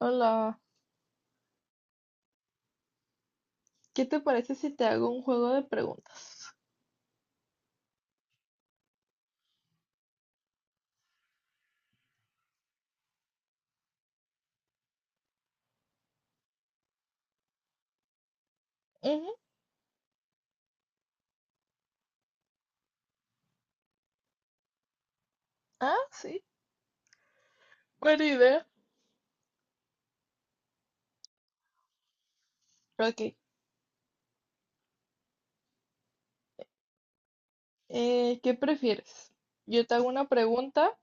Hola, ¿qué te parece si te hago un juego de preguntas? Ujú. Ah, sí, buena idea. Ok, ¿qué prefieres? Yo te hago una pregunta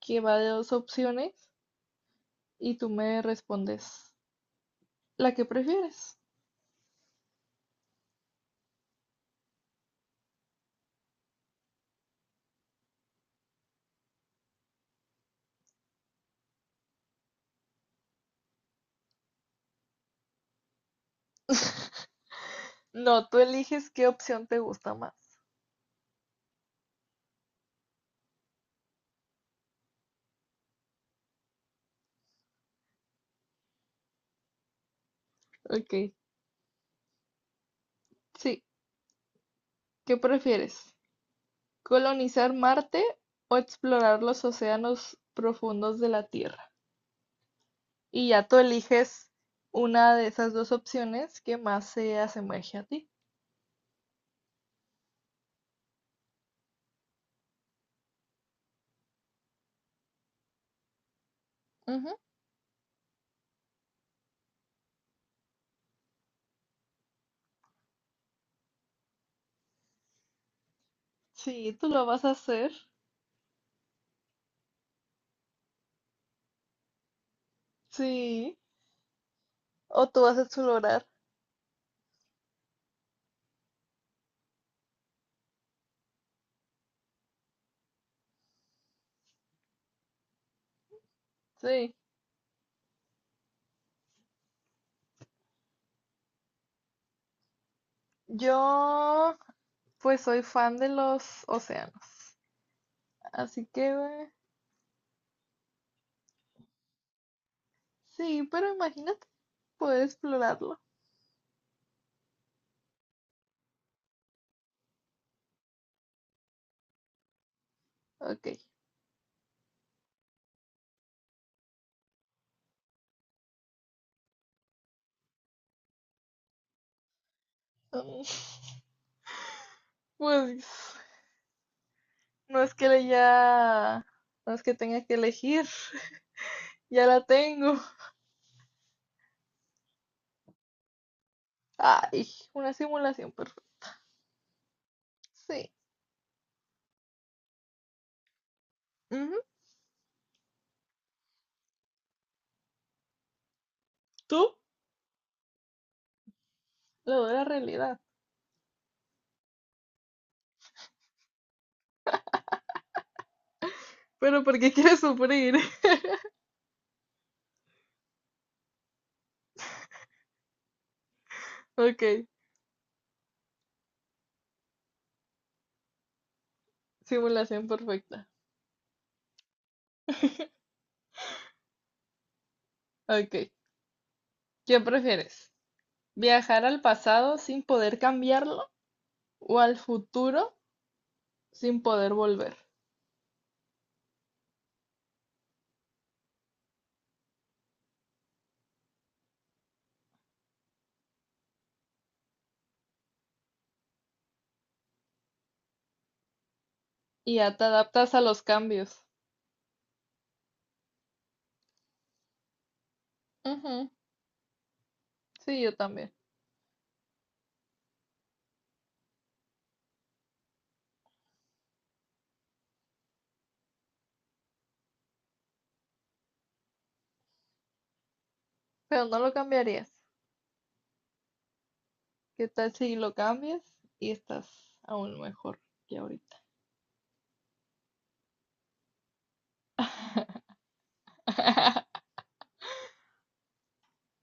que va de dos opciones y tú me respondes la que prefieres. No, tú eliges qué opción te gusta más. Ok, sí, ¿qué prefieres? ¿Colonizar Marte o explorar los océanos profundos de la Tierra? Y ya tú eliges una de esas dos opciones que más se asemeje a ti. Ujú. Sí, tú lo vas a hacer. Sí. O tú vas a explorar. Sí. Yo, pues soy fan de los océanos. Así que, sí, pero imagínate poder explorarlo. Ok. Mm, pues no es que le ya, no es que tenga que elegir. Ya la tengo. Ay, una simulación perfecta. Sí. Ujú. ¿Tú? Lo de la realidad. Pero ¿por qué quieres sufrir? Ok, simulación perfecta. Ok, ¿qué prefieres? ¿Viajar al pasado sin poder cambiarlo o al futuro sin poder volver? Y ya te adaptas a los cambios. Ujú. Sí, yo también. Pero no lo cambiarías. ¿Qué tal si lo cambias y estás aún mejor que ahorita?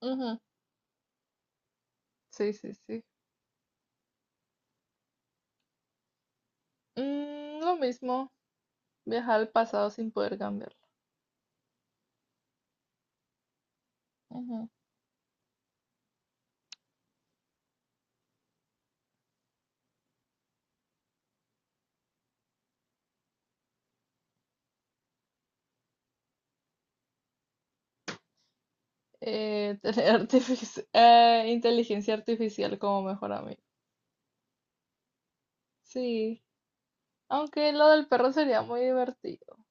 Ujú. Sí, sí, sí. Mm, lo mismo, viajar al pasado sin poder cambiarlo. Ujú. Inteligencia artificial como mejor amigo. Sí, aunque lo del perro sería muy divertido.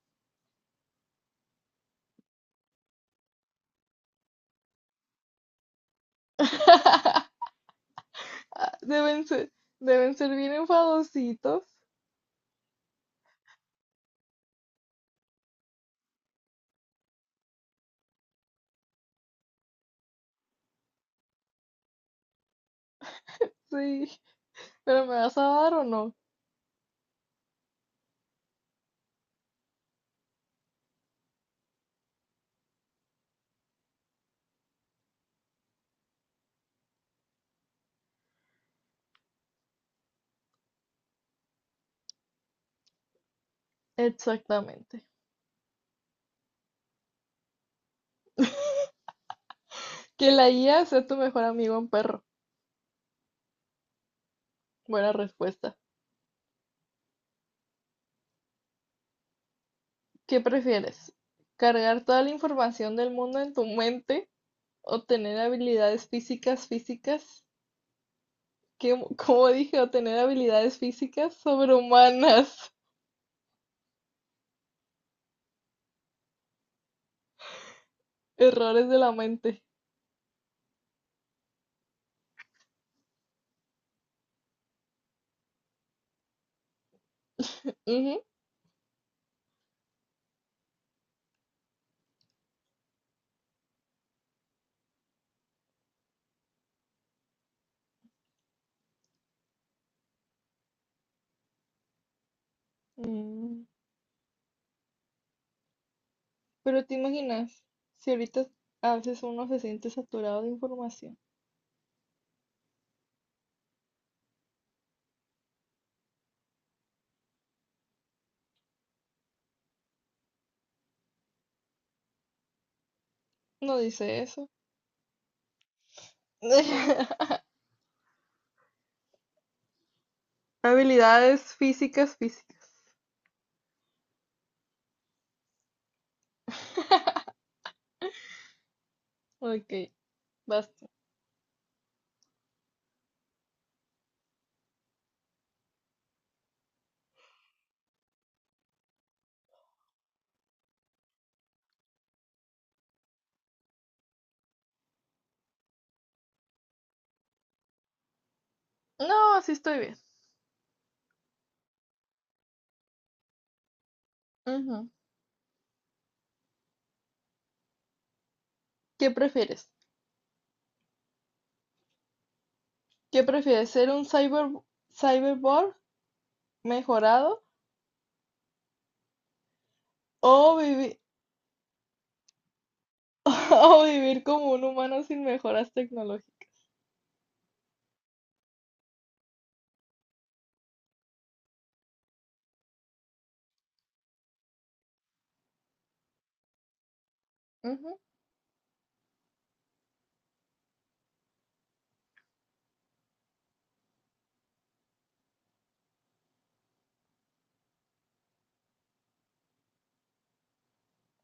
Deben ser, deben ser bien enfadositos. Sí, pero ¿me vas a dar o no? Exactamente. Que la IA sea tu mejor amigo en perro. Buena respuesta. ¿Qué prefieres? ¿Cargar toda la información del mundo en tu mente o tener habilidades físicas físicas que, como dije, o tener habilidades físicas sobrehumanas, errores de la mente? Ujú. Mm. Pero te imaginas, si ahorita a veces uno se siente saturado de información. No dice eso. Habilidades físicas, físicas. Ok, basta. No, sí estoy bien. Ujú. ¿Qué prefieres? ¿Qué prefieres? ¿Ser un cyberborg mejorado o, o vivir como un humano sin mejoras tecnológicas? Ujú.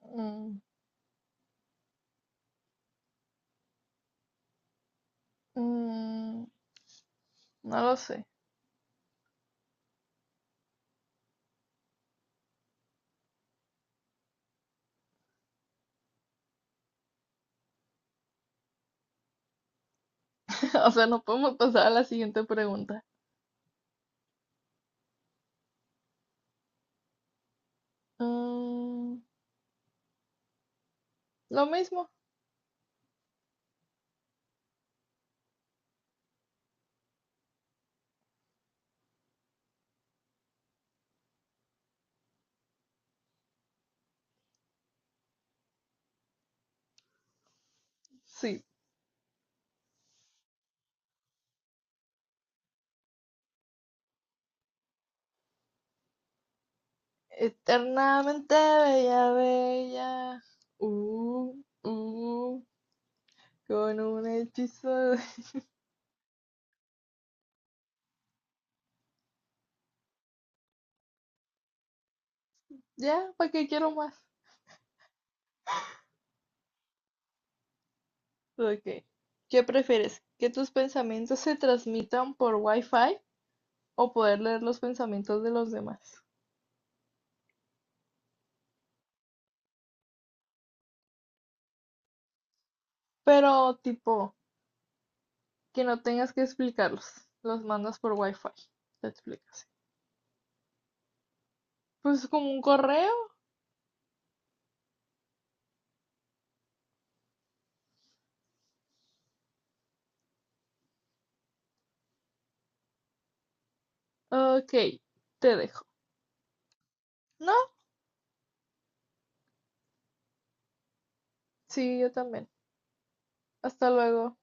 Mm. Mm, no lo sé. O sea, no podemos pasar a la siguiente pregunta. Mm, lo mismo. Sí. Eternamente bella, bella. Uh, uh, con un hechizo. De- Ya, ¿para qué quiero más? Ok. ¿Qué prefieres? ¿Que tus pensamientos se transmitan por Wi-Fi o poder leer los pensamientos de los demás? Pero tipo, que no tengas que explicarlos. Los mandas por Wi-Fi. Te explicas. Pues como un correo. Ok, te dejo. No, sí, yo también. Hasta luego.